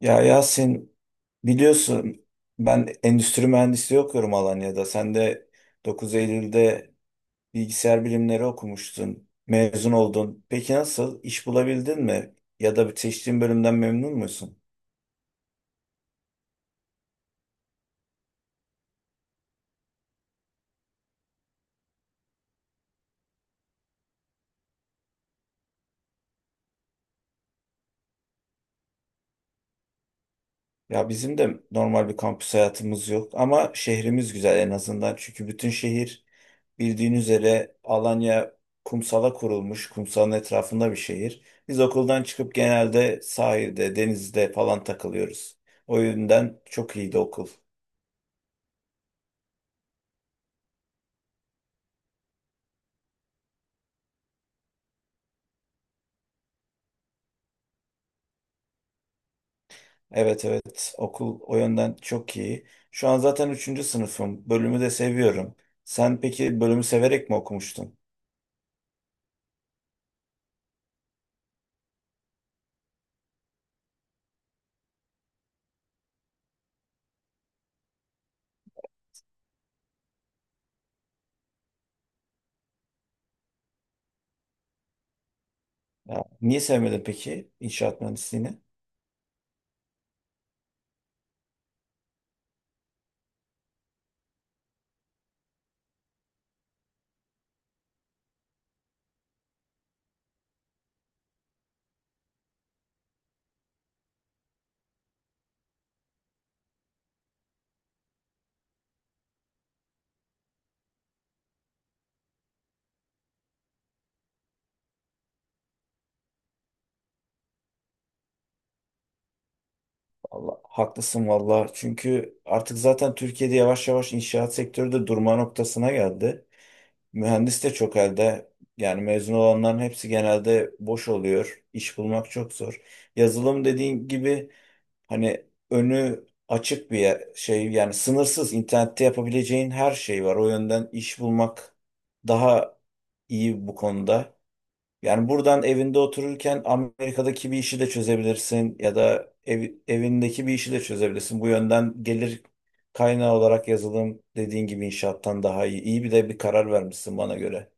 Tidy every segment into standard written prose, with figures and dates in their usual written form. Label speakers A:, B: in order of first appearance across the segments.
A: Ya Yasin, biliyorsun, ben endüstri mühendisliği okuyorum Alanya'da. Sen de 9 Eylül'de bilgisayar bilimleri okumuştun. Mezun oldun. Peki nasıl? İş bulabildin mi? Ya da seçtiğin bölümden memnun musun? Ya bizim de normal bir kampüs hayatımız yok ama şehrimiz güzel en azından. Çünkü bütün şehir, bildiğin üzere, Alanya kumsala kurulmuş, kumsalın etrafında bir şehir. Biz okuldan çıkıp genelde sahilde, denizde falan takılıyoruz. O yönden çok iyiydi okul. Evet evet, okul o yönden çok iyi. Şu an zaten üçüncü sınıfım. Bölümü de seviyorum. Sen peki bölümü severek mi okumuştun? Ya, niye sevmedin peki inşaat mühendisliğini? Allah, haklısın valla. Çünkü artık zaten Türkiye'de yavaş yavaş inşaat sektörü de durma noktasına geldi. Mühendis de çok elde. Yani mezun olanların hepsi genelde boş oluyor. İş bulmak çok zor. Yazılım dediğin gibi, hani, önü açık bir yani sınırsız, internette yapabileceğin her şey var. O yönden iş bulmak daha iyi bu konuda. Yani buradan evinde otururken Amerika'daki bir işi de çözebilirsin ya da evindeki bir işi de çözebilirsin. Bu yönden gelir kaynağı olarak yazılım dediğin gibi inşaattan daha iyi. İyi bir de bir karar vermişsin bana göre.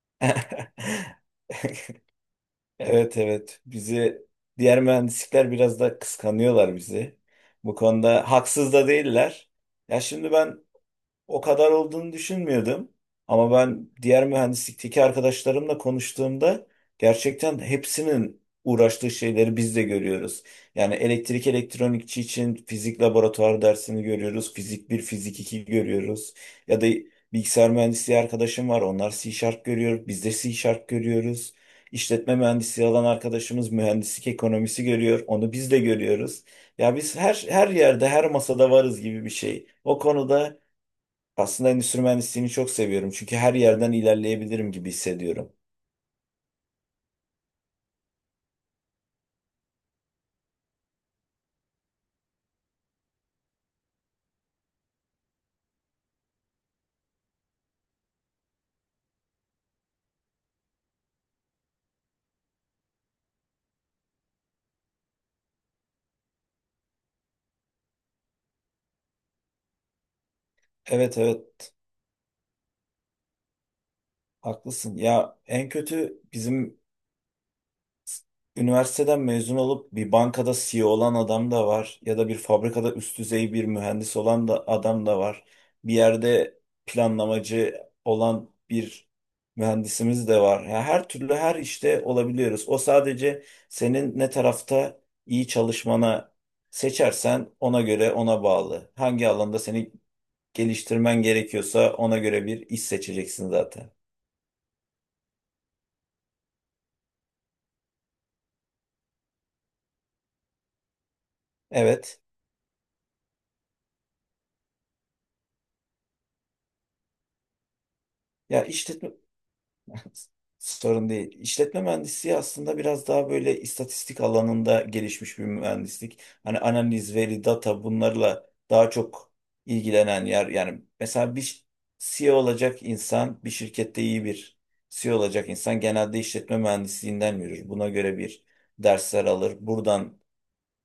A: Evet evet, bizi diğer mühendislikler biraz da kıskanıyorlar bizi. Bu konuda haksız da değiller. Ya şimdi ben o kadar olduğunu düşünmüyordum. Ama ben diğer mühendislikteki arkadaşlarımla konuştuğumda gerçekten hepsinin uğraştığı şeyleri biz de görüyoruz. Yani elektrik elektronikçi için fizik laboratuvar dersini görüyoruz. Fizik bir, fizik 2 görüyoruz. Ya da bilgisayar mühendisliği arkadaşım var. Onlar C görüyor. Biz de C görüyoruz. İşletme mühendisliği alan arkadaşımız mühendislik ekonomisi görüyor. Onu biz de görüyoruz. Ya biz her yerde, her masada varız gibi bir şey. O konuda aslında endüstri mühendisliğini çok seviyorum. Çünkü her yerden ilerleyebilirim gibi hissediyorum. Evet evet, haklısın. Ya en kötü bizim s- üniversiteden mezun olup bir bankada CEO olan adam da var. Ya da bir fabrikada üst düzey bir mühendis olan da adam da var. Bir yerde planlamacı olan bir mühendisimiz de var. Ya her türlü her işte olabiliyoruz. O sadece senin ne tarafta iyi çalışmana, seçersen ona göre, ona bağlı. Hangi alanda seni geliştirmen gerekiyorsa ona göre bir iş seçeceksin zaten. Evet. Ya işletme… sorun değil. İşletme mühendisliği aslında biraz daha böyle istatistik alanında gelişmiş bir mühendislik. Hani analiz, veri, data, bunlarla daha çok ilgilenen yer. Yani mesela bir CEO olacak insan, bir şirkette iyi bir CEO olacak insan genelde işletme mühendisliğinden yürür. Buna göre bir dersler alır. Buradan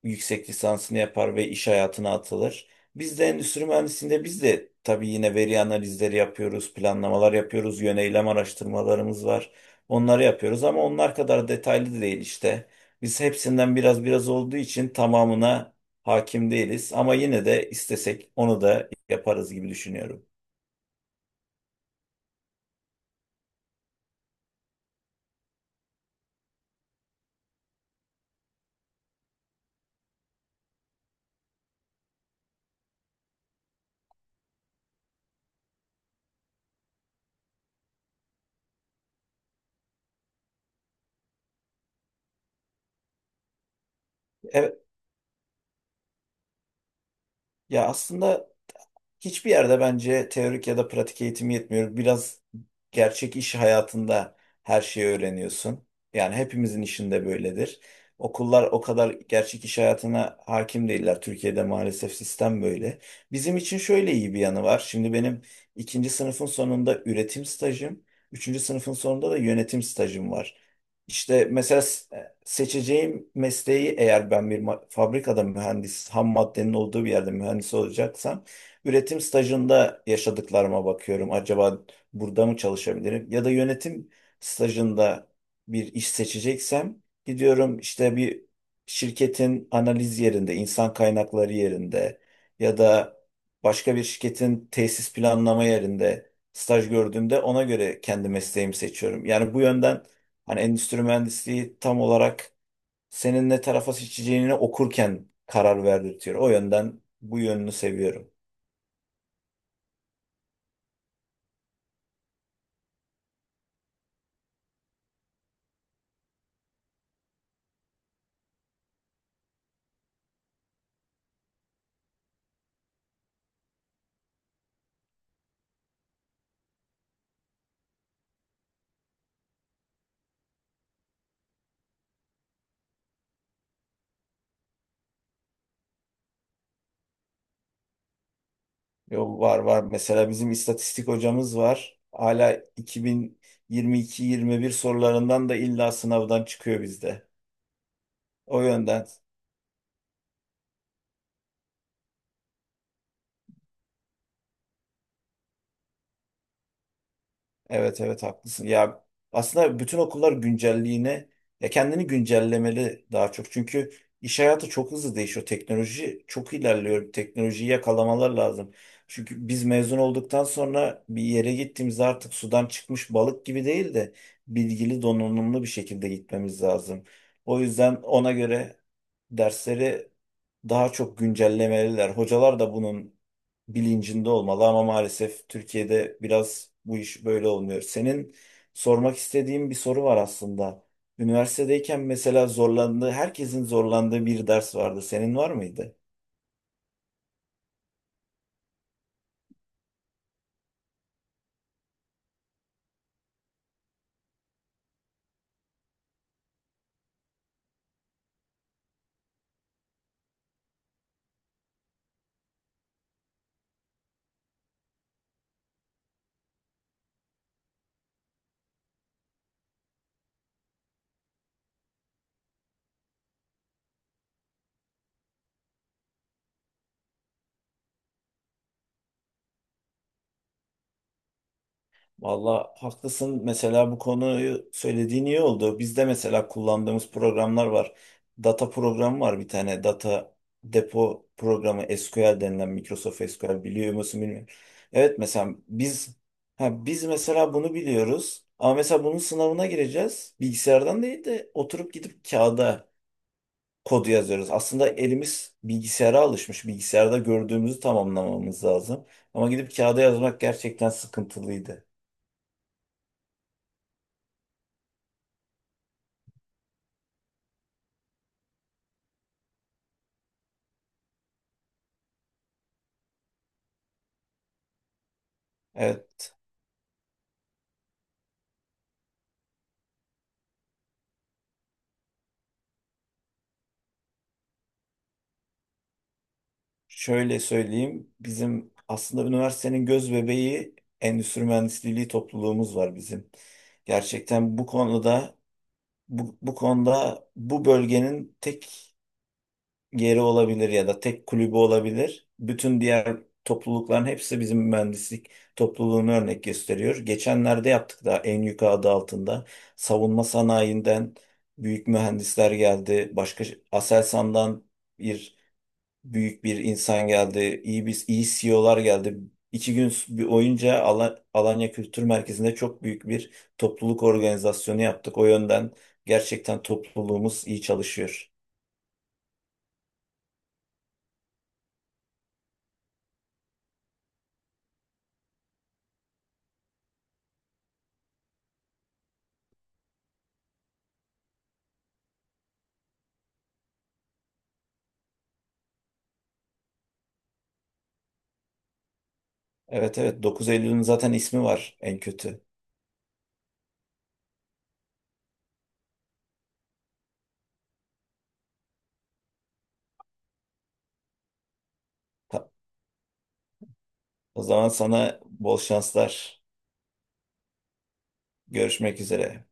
A: yüksek lisansını yapar ve iş hayatına atılır. Biz de endüstri mühendisliğinde, biz de tabii yine veri analizleri yapıyoruz, planlamalar yapıyoruz, yöneylem araştırmalarımız var. Onları yapıyoruz ama onlar kadar detaylı değil işte. Biz hepsinden biraz biraz olduğu için tamamına hakim değiliz ama yine de istesek onu da yaparız gibi düşünüyorum. Evet, ya aslında hiçbir yerde bence teorik ya da pratik eğitim yetmiyor. Biraz gerçek iş hayatında her şeyi öğreniyorsun. Yani hepimizin işinde böyledir. Okullar o kadar gerçek iş hayatına hakim değiller. Türkiye'de maalesef sistem böyle. Bizim için şöyle iyi bir yanı var. Şimdi benim ikinci sınıfın sonunda üretim stajım, üçüncü sınıfın sonunda da yönetim stajım var. İşte mesela seçeceğim mesleği, eğer ben bir fabrikada mühendis, ham maddenin olduğu bir yerde mühendis olacaksam, üretim stajında yaşadıklarıma bakıyorum. Acaba burada mı çalışabilirim? Ya da yönetim stajında bir iş seçeceksem, gidiyorum işte bir şirketin analiz yerinde, insan kaynakları yerinde ya da başka bir şirketin tesis planlama yerinde staj gördüğümde ona göre kendi mesleğimi seçiyorum. Yani bu yönden hani endüstri mühendisliği tam olarak senin ne tarafa seçeceğini okurken karar verdirtiyor. O yönden bu yönünü seviyorum. Yo, var var. Mesela bizim istatistik hocamız var. Hala 2022-21 sorularından da illa sınavdan çıkıyor bizde. O yönden. Evet evet, haklısın. Ya aslında bütün okullar güncelliğine, ya kendini güncellemeli daha çok. Çünkü iş hayatı çok hızlı değişiyor. Teknoloji çok ilerliyor. Teknolojiyi yakalamalar lazım. Çünkü biz mezun olduktan sonra bir yere gittiğimizde artık sudan çıkmış balık gibi değil de bilgili, donanımlı bir şekilde gitmemiz lazım. O yüzden ona göre dersleri daha çok güncellemeliler. Hocalar da bunun bilincinde olmalı ama maalesef Türkiye'de biraz bu iş böyle olmuyor. Senin, sormak istediğim bir soru var aslında. Üniversitedeyken mesela zorlandığı, herkesin zorlandığı bir ders vardı. Senin var mıydı? Valla haklısın. Mesela bu konuyu söylediğin iyi oldu. Bizde mesela kullandığımız programlar var. Data programı var bir tane. Data depo programı SQL denilen, Microsoft SQL, biliyor musun bilmiyorum. Evet, mesela biz, ha, biz mesela bunu biliyoruz. Ama mesela bunun sınavına gireceğiz. Bilgisayardan değil de oturup gidip kağıda kodu yazıyoruz. Aslında elimiz bilgisayara alışmış. Bilgisayarda gördüğümüzü tamamlamamız lazım. Ama gidip kağıda yazmak gerçekten sıkıntılıydı. Evet. Şöyle söyleyeyim, bizim aslında üniversitenin göz bebeği endüstri mühendisliği topluluğumuz var bizim. Gerçekten bu konuda, bu konuda bu bölgenin tek yeri olabilir ya da tek kulübü olabilir. Bütün diğer toplulukların hepsi bizim mühendislik topluluğunu örnek gösteriyor. Geçenlerde yaptık da en yukarı adı altında savunma sanayinden büyük mühendisler geldi. Başka Aselsan'dan bir büyük bir insan geldi, iyi bir iyi CEO'lar geldi. İki gün bir boyunca Alanya Kültür Merkezi'nde çok büyük bir topluluk organizasyonu yaptık. O yönden gerçekten topluluğumuz iyi çalışıyor. Evet evet, 9 Eylül'ün zaten ismi var en kötü. Ta- O zaman sana bol şanslar. Görüşmek üzere.